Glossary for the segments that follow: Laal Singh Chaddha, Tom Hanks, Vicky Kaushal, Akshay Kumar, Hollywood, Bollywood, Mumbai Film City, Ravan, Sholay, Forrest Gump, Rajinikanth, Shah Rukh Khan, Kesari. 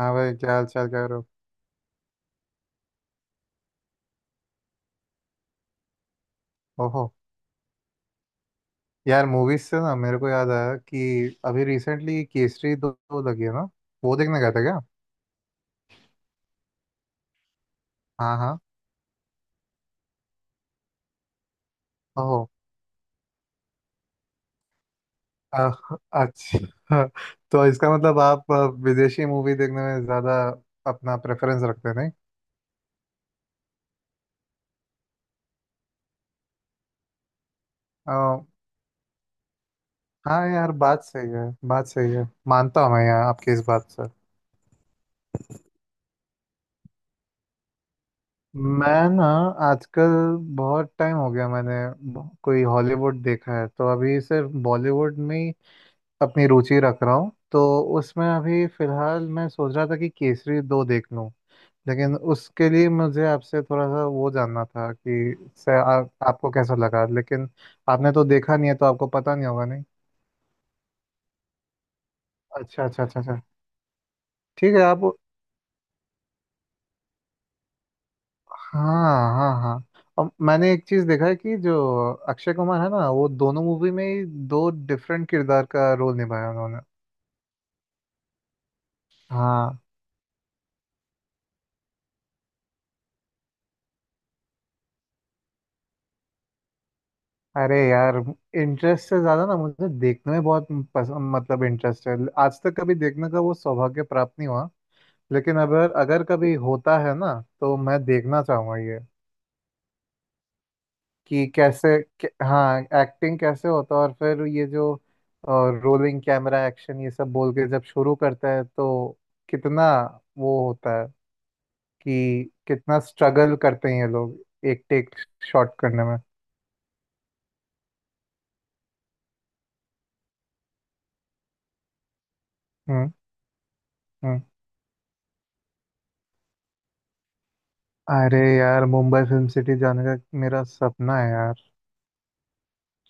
हाँ भाई, क्या हाल चाल कर रहे हो। ओहो, यार मूवीज से ना मेरे को याद आया कि अभी रिसेंटली केसरी दो लगी है ना। वो देखने गए थे क्या। हाँ हाँ। ओहो। अ- अच्छा। तो इसका मतलब आप विदेशी मूवी देखने में ज़्यादा अपना प्रेफरेंस रखते हैं, नहीं। अ, हाँ यार, बात सही है। बात सही है, मानता हूँ मैं यार आपकी इस बात से। मैं ना आजकल बहुत टाइम हो गया मैंने कोई हॉलीवुड देखा है, तो अभी सिर्फ बॉलीवुड में अपनी रुचि रख रहा हूँ तो। उसमें अभी फिलहाल मैं सोच रहा था कि केसरी दो देख लूँ लेकिन उसके लिए मुझे आपसे थोड़ा सा वो जानना था कि से आपको कैसा लगा, लेकिन आपने तो देखा नहीं है तो आपको पता नहीं होगा नहीं। अच्छा अच्छा अच्छा अच्छा। ठीक है आप। हाँ हाँ हाँ। और मैंने एक चीज़ देखा है कि जो अक्षय कुमार है ना वो दोनों मूवी में ही दो डिफरेंट किरदार का रोल निभाया उन्होंने। हाँ। अरे यार, इंटरेस्ट से ज्यादा ना मुझे देखने में बहुत पसंद, मतलब इंटरेस्ट है। आज तक कभी देखने का वो सौभाग्य प्राप्त नहीं हुआ। लेकिन अगर अगर कभी होता है ना तो मैं देखना चाहूंगा ये कि कैसे हाँ एक्टिंग कैसे होता है, और फिर ये जो रोलिंग कैमरा एक्शन ये सब बोल के जब शुरू करता है तो कितना वो होता है, कि कितना स्ट्रगल करते हैं ये लोग एक टेक शॉट करने में। हम्म हम्म। अरे यार, मुंबई फिल्म सिटी जाने का मेरा सपना है यार।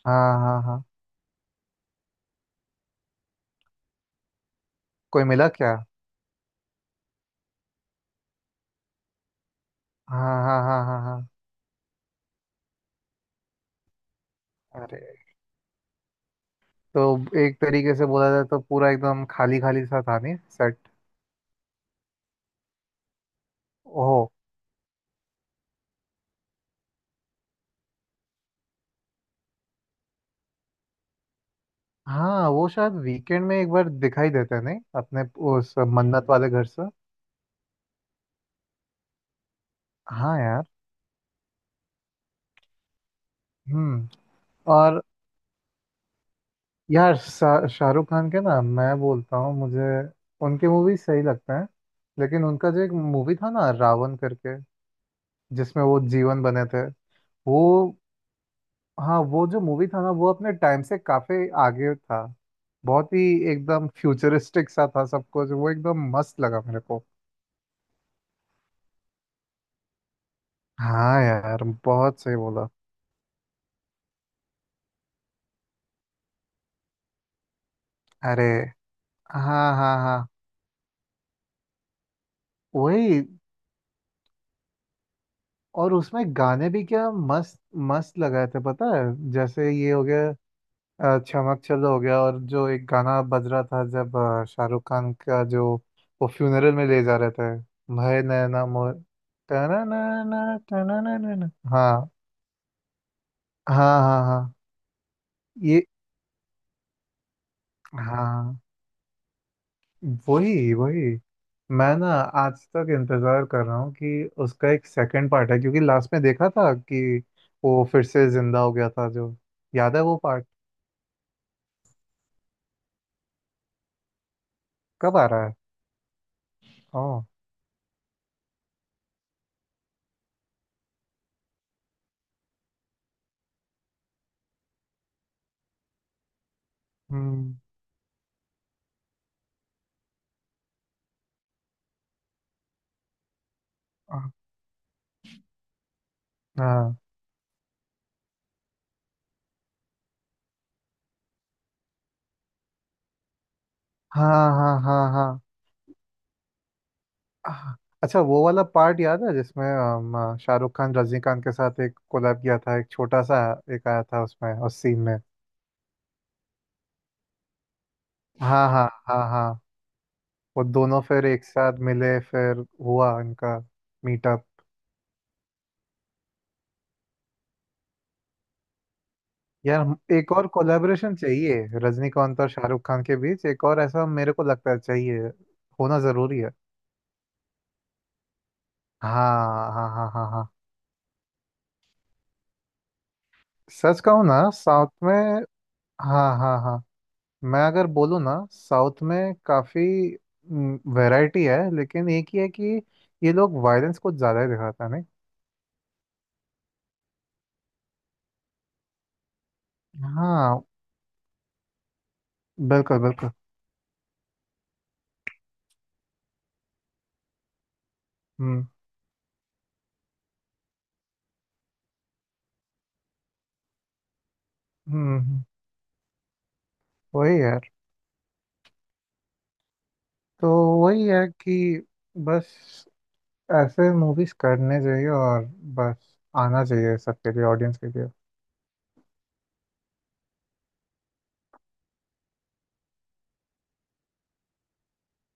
हाँ हाँ हाँ। कोई मिला क्या। हाँ हाँ हाँ हाँ हाँ। अरे। तो एक तरीके से बोला जाए तो पूरा एकदम खाली खाली सा था नहीं सेट। ओह। हाँ वो शायद वीकेंड में एक बार दिखाई देते हैं, नहीं अपने उस मन्नत वाले घर से। हाँ यार। हम्म। और यार शाहरुख खान के ना मैं बोलता हूँ मुझे उनके मूवी सही लगते हैं। लेकिन उनका जो एक मूवी था ना रावण करके, जिसमें वो जीवन बने थे वो। हाँ, वो जो मूवी था ना वो अपने टाइम से काफी आगे था। बहुत ही एकदम फ्यूचरिस्टिक सा था सब कुछ, वो एकदम मस्त लगा मेरे को। हाँ यार, बहुत सही बोला। अरे। हाँ हाँ हाँ। वही। और उसमें गाने भी क्या मस्त मस्त लगाए थे, पता है। जैसे ये हो गया, चमक चलो हो गया, और जो एक गाना बज रहा था जब शाहरुख खान का जो वो फ्यूनरल में ले जा रहे थे, भय नैना मोर, टननना, टनननना। हाँ हाँ हाँ हाँ। ये। हाँ। वही वही। मैं ना आज तक इंतजार कर रहा हूँ कि उसका एक सेकंड पार्ट है क्योंकि लास्ट में देखा था कि वो फिर से जिंदा हो गया था जो। याद है वो पार्ट। कब आ रहा है। ओ। हम्म। हाँ हाँ हाँ हाँ हाँ हाँ। आह। अच्छा, वो वाला पार्ट याद है जिसमें शाहरुख खान रजनीकांत के साथ एक कोलैब किया था, एक छोटा सा एक आया था उसमें उस सीन में। हाँ हाँ हाँ हाँ। वो दोनों फिर एक साथ मिले फिर हुआ इनका मीटअप। यार एक और कोलैबोरेशन चाहिए रजनीकांत और शाहरुख खान के बीच, एक और ऐसा मेरे को लगता है चाहिए होना जरूरी है। हाँ हाँ हाँ हाँ हाँ। सच कहूँ ना साउथ में। हाँ हाँ हाँ। मैं अगर बोलूँ ना साउथ में काफ़ी वैरायटी है, लेकिन एक ही है कि ये लोग वायलेंस कुछ ज़्यादा ही दिखाते हैं नहीं। हाँ। बिल्कुल बिल्कुल। हम्म हम्म हम्म, वही यार। तो वही है कि बस ऐसे मूवीज करने चाहिए, और बस आना चाहिए सबके लिए ऑडियंस के लिए।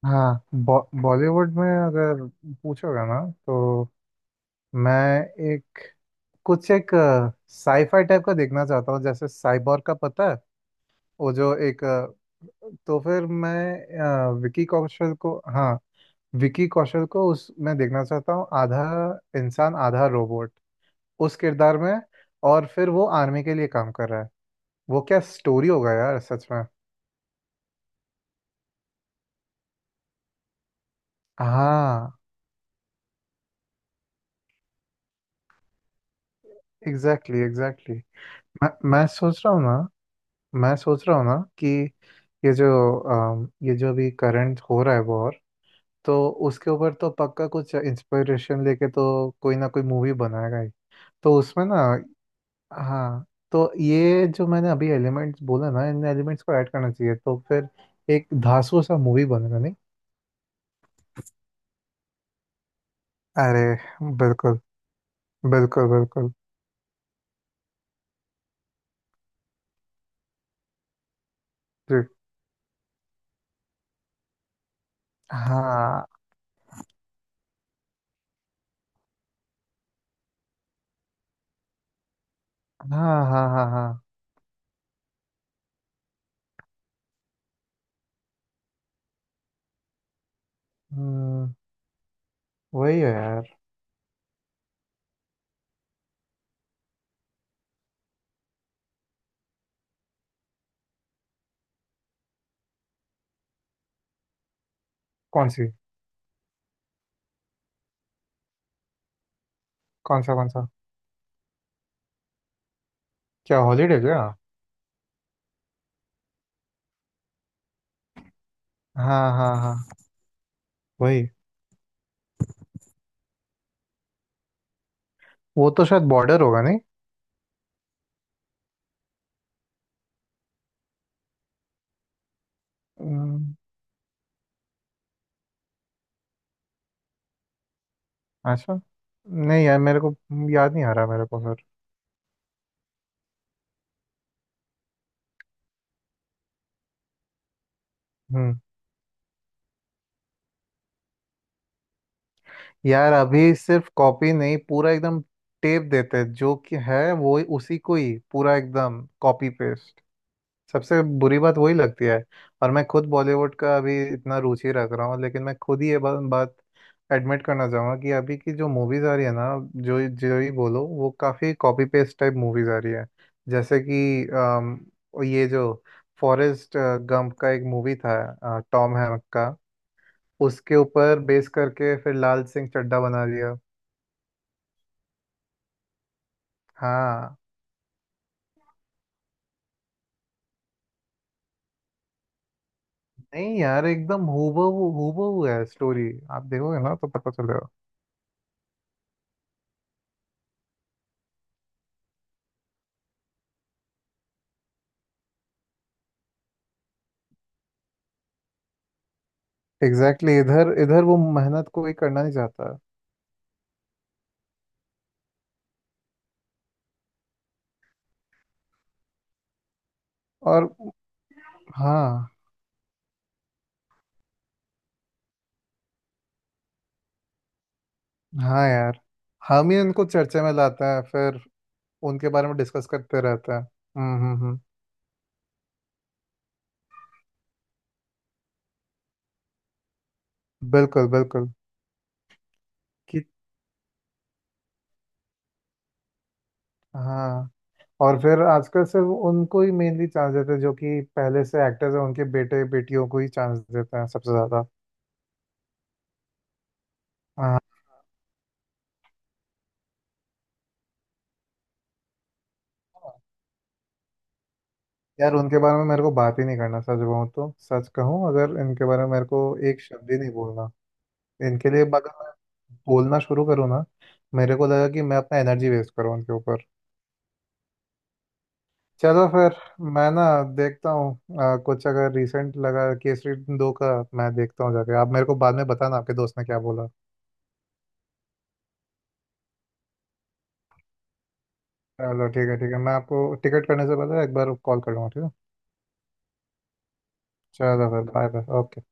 हाँ बॉ बॉलीवुड में अगर पूछोगे ना तो मैं एक कुछ एक साईफाई टाइप का देखना चाहता हूँ, जैसे साइबोर का पता है। वो जो एक तो फिर मैं विकी कौशल को, हाँ विकी कौशल को उस मैं देखना चाहता हूँ, आधा इंसान आधा रोबोट उस किरदार में, और फिर वो आर्मी के लिए काम कर रहा है। वो क्या स्टोरी होगा यार सच में। हाँ, एग्जैक्टली एग्जैक्टली। मैं सोच रहा हूँ ना। मैं सोच रहा हूँ ना कि ये जो ये जो अभी करंट हो रहा है वॉर, तो उसके ऊपर तो पक्का कुछ इंस्पिरेशन लेके तो कोई ना कोई मूवी बनाएगा ही। तो उसमें ना। हाँ। तो ये जो मैंने अभी एलिमेंट्स बोला ना, इन एलिमेंट्स को ऐड करना चाहिए तो फिर एक धांसू सा मूवी बनेगा नहीं। अरे बिल्कुल। बिल्कुल बिल्कुल। जी। हाँ हाँ हाँ हाँ हाँ। हम्म, वही है यार। कौन सी। कौन सा कौन सा। क्या हॉलीडे क्या। हाँ हाँ हाँ। वही। वो तो शायद बॉर्डर होगा नहीं। हम्म, अच्छा। नहीं यार मेरे को याद नहीं आ रहा मेरे को। फिर। यार अभी सिर्फ कॉपी नहीं, पूरा एकदम टेप देते हैं, जो कि है वो उसी को ही पूरा एकदम कॉपी पेस्ट। सबसे बुरी बात वही लगती है। और मैं खुद बॉलीवुड का अभी इतना रुचि रख रहा हूँ, लेकिन मैं खुद ही ये बात एडमिट करना चाहूँगा कि अभी की जो मूवीज आ रही है ना, जो जो ही बोलो वो काफ़ी कॉपी पेस्ट टाइप मूवीज आ रही है। जैसे कि ये जो फॉरेस्ट गंप का एक मूवी था टॉम हैंक का, उसके ऊपर बेस करके फिर लाल सिंह चड्ढा बना दिया। हाँ। नहीं यार एकदम हूबहू हूबहू है स्टोरी। आप देखोगे ना तो पता चलेगा। एग्जैक्टली exactly, इधर इधर वो मेहनत कोई करना नहीं चाहता। और। हाँ। हाँ यार, हम ही उनको चर्चा में लाते हैं फिर। उनके बारे में डिस्कस करते रहते हैं। हम्म। बिल्कुल बिल्कुल। कि। हाँ। और फिर आजकल सिर्फ उनको ही मेनली चांस देते हैं, जो कि पहले से एक्टर्स हैं उनके बेटे बेटियों को ही चांस देते हैं सबसे ज्यादा। हाँ यार, उनके बारे में मेरे को बात ही नहीं करना। सच कहूँ तो, सच कहूँ अगर इनके बारे में मेरे को एक शब्द ही नहीं बोलना। इनके लिए अगर मैं बोलना शुरू करूँ ना, मेरे को लगा कि मैं अपना एनर्जी वेस्ट करूँ उनके ऊपर। चलो फिर। मैं ना देखता हूँ कुछ अगर रिसेंट लगा केसरी दो का, मैं देखता हूँ जाके, आप मेरे को बाद में बताना आपके दोस्त ने क्या बोला। चलो ठीक है ठीक है, मैं आपको टिकट करने से पहले एक बार कॉल कर लूँगा ठीक है। चलो फिर बाय बाय ओके।